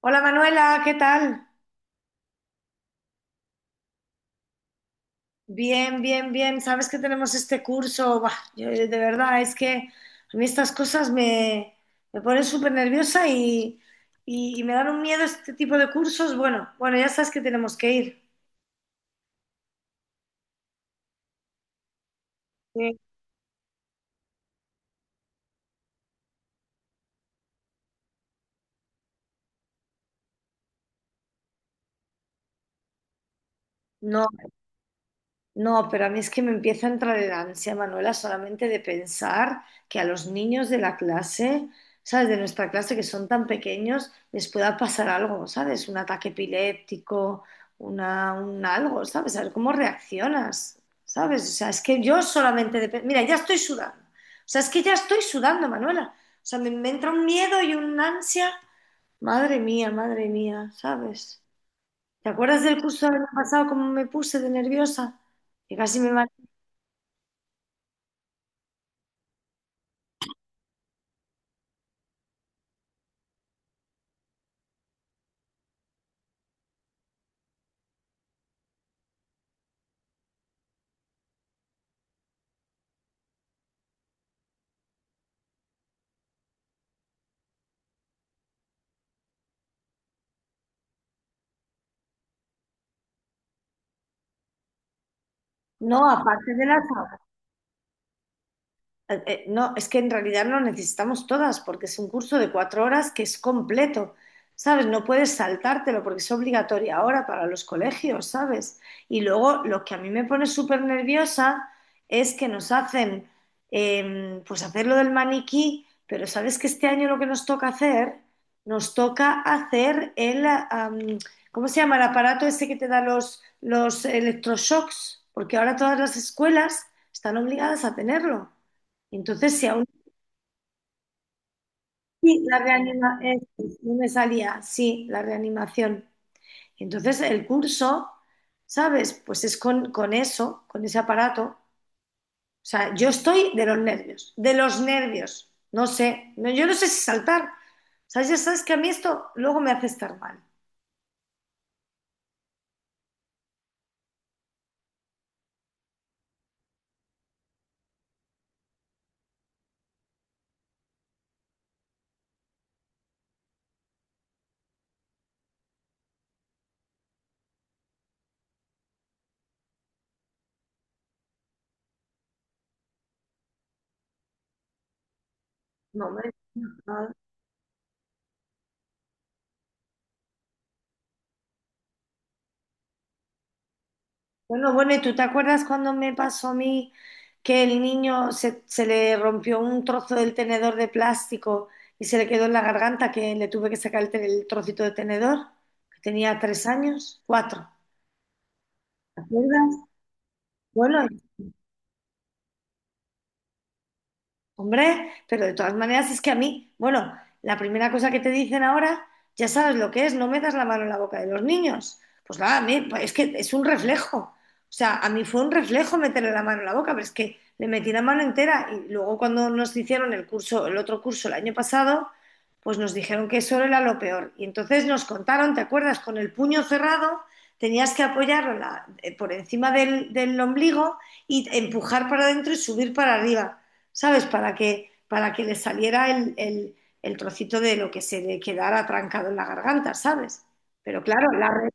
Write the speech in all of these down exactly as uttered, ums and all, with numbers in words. Hola Manuela, ¿qué tal? Bien, bien, bien. Sabes que tenemos este curso. Buah, yo, eh, de verdad, es que a mí estas cosas me, me ponen súper nerviosa y, y- y me dan un miedo este tipo de cursos. Bueno, bueno, ya sabes que tenemos que ir. Sí. No. No, pero a mí es que me empieza a entrar el ansia, Manuela, solamente de pensar que a los niños de la clase, ¿sabes? De nuestra clase, que son tan pequeños, les pueda pasar algo, ¿sabes? Un ataque epiléptico, una, un algo, ¿sabes? A ver cómo reaccionas, ¿sabes? O sea, es que yo solamente de... pe- Mira, ya estoy sudando. O sea, es que ya estoy sudando, Manuela. O sea, me, me entra un miedo y un ansia. Madre mía, madre mía, ¿sabes? ¿Te acuerdas del curso del año pasado, cómo me puse de nerviosa? Que casi me no, aparte de las eh, eh, no, es que en realidad no necesitamos todas, porque es un curso de cuatro horas que es completo, ¿sabes? No puedes saltártelo porque es obligatorio ahora para los colegios, ¿sabes? Y luego lo que a mí me pone súper nerviosa es que nos hacen, eh, pues hacer lo del maniquí, pero ¿sabes que este año lo que nos toca hacer? Nos toca hacer el, ah, am, ¿cómo se llama? El aparato ese que te da los, los electroshocks, porque ahora todas las escuelas están obligadas a tenerlo. Entonces, si aún así la reanima, eh, pues, no me salía, sí, la reanimación. Entonces, el curso, ¿sabes? Pues es con, con eso, con ese aparato. O sea, yo estoy de los nervios, de los nervios. No sé, no, yo no sé si saltar. O sea, ya sabes que a mí esto luego me hace estar mal. No, me- Bueno, bueno, ¿y tú te acuerdas cuando me pasó a mí que el niño se, se le rompió un trozo del tenedor de plástico y se le quedó en la garganta que le tuve que sacar el, te- el trocito de tenedor? Que tenía tres años, cuatro. ¿Te acuerdas? Bueno, hombre, pero de todas maneras es que a mí, bueno, la primera cosa que te dicen ahora, ya sabes lo que es, no metas la mano en la boca de los niños. Pues nada, a mí, pues es que es un reflejo. O sea, a mí fue un reflejo meterle la mano en la boca, pero es que le metí la mano entera y luego cuando nos hicieron el curso, el otro curso el año pasado, pues nos dijeron que eso era lo peor. Y entonces nos contaron, ¿te acuerdas? Con el puño cerrado tenías que apoyarlo la- eh, por encima del, del ombligo y empujar para adentro y subir para arriba. ¿Sabes? Para que, para que le saliera el, el, el trocito de lo que se le quedara trancado en la garganta, ¿sabes? Pero claro, la red,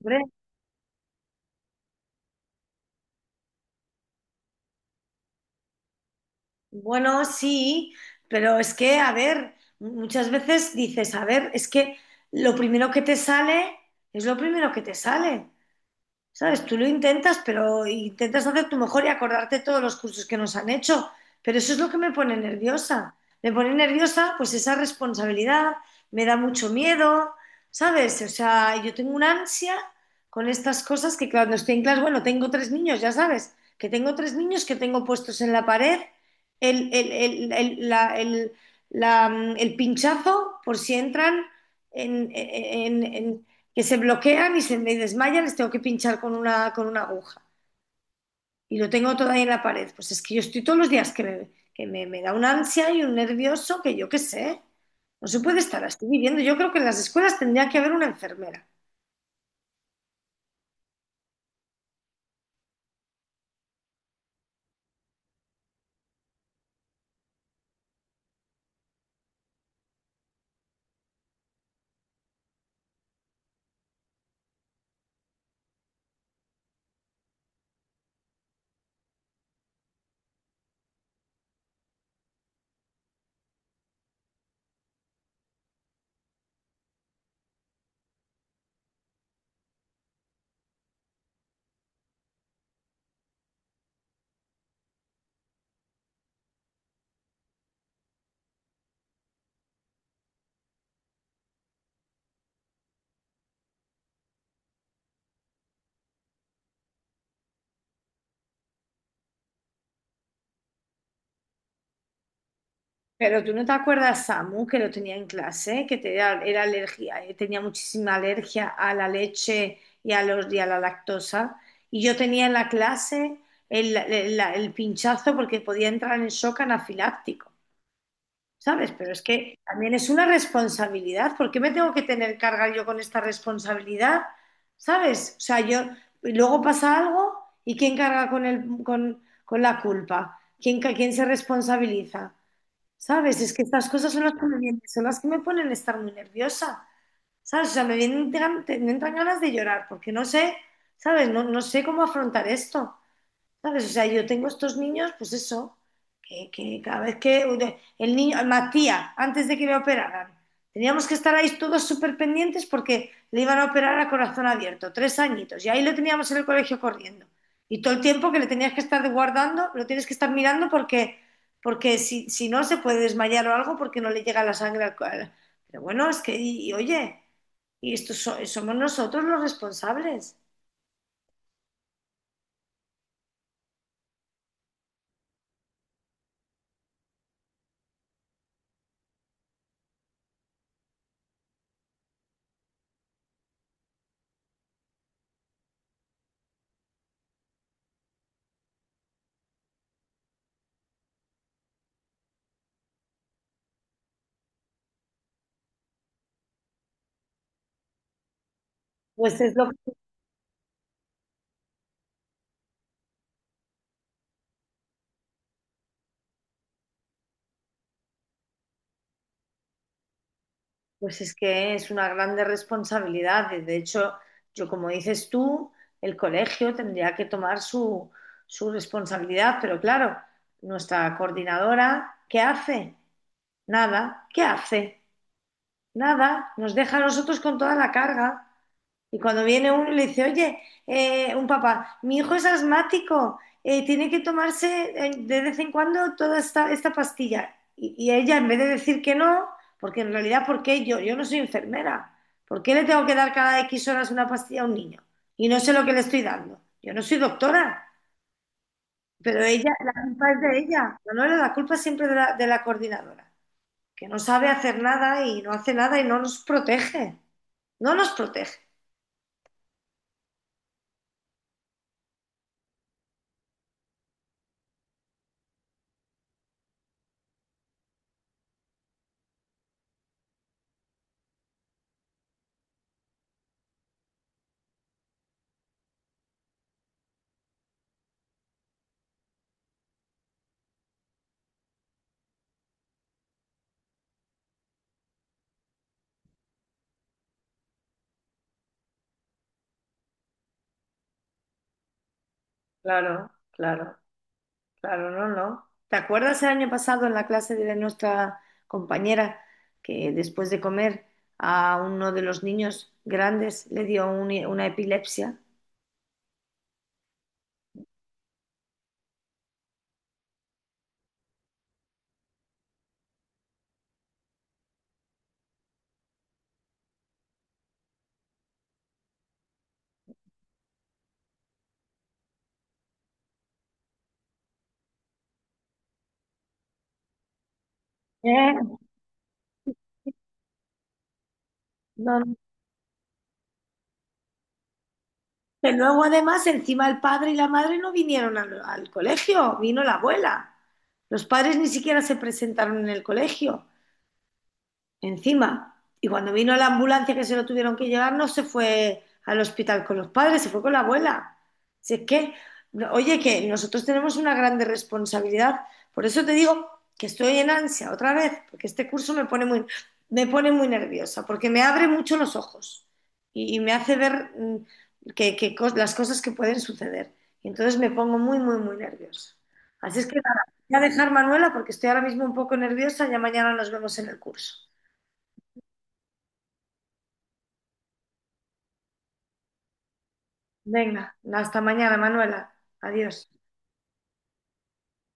hombre, bueno, sí, pero es que, a ver, muchas veces dices, a ver, es que lo primero que te sale es lo primero que te sale. ¿Sabes? Tú lo intentas, pero intentas hacer tu mejor y acordarte todos los cursos que nos han hecho. Pero eso es lo que me pone nerviosa. Me pone nerviosa, pues esa responsabilidad, me da mucho miedo, ¿sabes? O sea, yo tengo una ansia con estas cosas que cuando estoy en clase, bueno, tengo tres niños, ya sabes, que tengo tres niños que tengo puestos en la pared, el, el- el- el- la- el- la, mm, el pinchazo por si entran en, en- en- que se bloquean y se me desmayan, les tengo que pinchar con una, con una aguja. Y lo tengo todavía en la pared. Pues es que yo estoy todos los días que me, que me, me da una ansia y un nervioso que yo qué sé. No se puede estar así viviendo. Yo creo que en las escuelas tendría que haber una enfermera. Pero tú no te acuerdas, Samu, que lo tenía en clase, que te- era, era alergia, eh, tenía muchísima alergia a la leche y a, los, y a la lactosa. Y yo tenía en la clase el, el- la- el pinchazo porque podía entrar en shock anafiláctico. ¿Sabes? Pero es que también es una responsabilidad. ¿Por qué me tengo que tener carga yo con esta responsabilidad? ¿Sabes? O sea, yo, y luego pasa algo y ¿quién carga con el, con, con la culpa? ¿Quién, ca- quién se responsabiliza? ¿Sabes? Es que estas cosas son las que me vienen, son las que me ponen a estar muy nerviosa. ¿Sabes? O sea, me vienen, gan- te- me entran ganas de llorar porque no sé, ¿sabes? No, no sé cómo afrontar esto. ¿Sabes? O sea, yo tengo estos niños, pues eso, que, que cada vez que el niño, Matías, antes de que le operaran, teníamos que estar ahí todos súper pendientes porque le iban a operar a corazón abierto, tres añitos, y ahí lo teníamos en el colegio corriendo. Y todo el tiempo que le tenías que estar guardando, lo tienes que estar mirando porque, porque si, si no se puede desmayar o algo porque no le llega la sangre al cual. Pero bueno, es que, y, y oye, y estos so- somos nosotros los responsables. Pues es lo pues es que es una grande responsabilidad. Y de hecho, yo como dices tú, el colegio tendría que tomar su, su responsabilidad, pero claro, nuestra coordinadora, ¿qué hace? Nada, ¿qué hace? Nada, nos deja a nosotros con toda la carga. Y cuando viene uno y le dice, oye, eh, un papá, mi hijo es asmático, eh, tiene que tomarse eh, de vez en cuando toda esta, esta pastilla. Y, y ella, en vez de decir que no, porque en realidad, ¿por qué yo? Yo no soy enfermera. ¿Por qué le tengo que dar cada X horas una pastilla a un niño? Y no sé lo que le estoy dando. Yo no soy doctora, pero ella, la culpa es de ella. Manuela, la culpa es siempre de la, de la coordinadora, que no sabe hacer nada y no hace nada y no nos protege. No nos protege. Claro, claro. Claro, no, no. ¿Te acuerdas el año pasado en la clase de nuestra compañera que después de comer a uno de los niños grandes le dio un- una epilepsia? Eh, No, no. Que luego además encima el padre y la madre no vinieron al, al colegio, vino la abuela. Los padres ni siquiera se presentaron en el colegio. Encima. Y cuando vino la ambulancia que se lo tuvieron que llevar, no se fue al hospital con los padres, se fue con la abuela. Si es que, no- oye, que nosotros tenemos una grande responsabilidad. Por eso te digo que estoy en ansia otra vez, porque este curso me pone muy, me pone muy nerviosa, porque me abre mucho los ojos y, y me hace ver mm, que, que cos- las cosas que pueden suceder. Y entonces me pongo muy, muy, muy nerviosa. Así es que nada, voy a dejar Manuela porque estoy ahora mismo un poco nerviosa, ya mañana nos vemos en el curso. Venga, hasta mañana, Manuela. Adiós.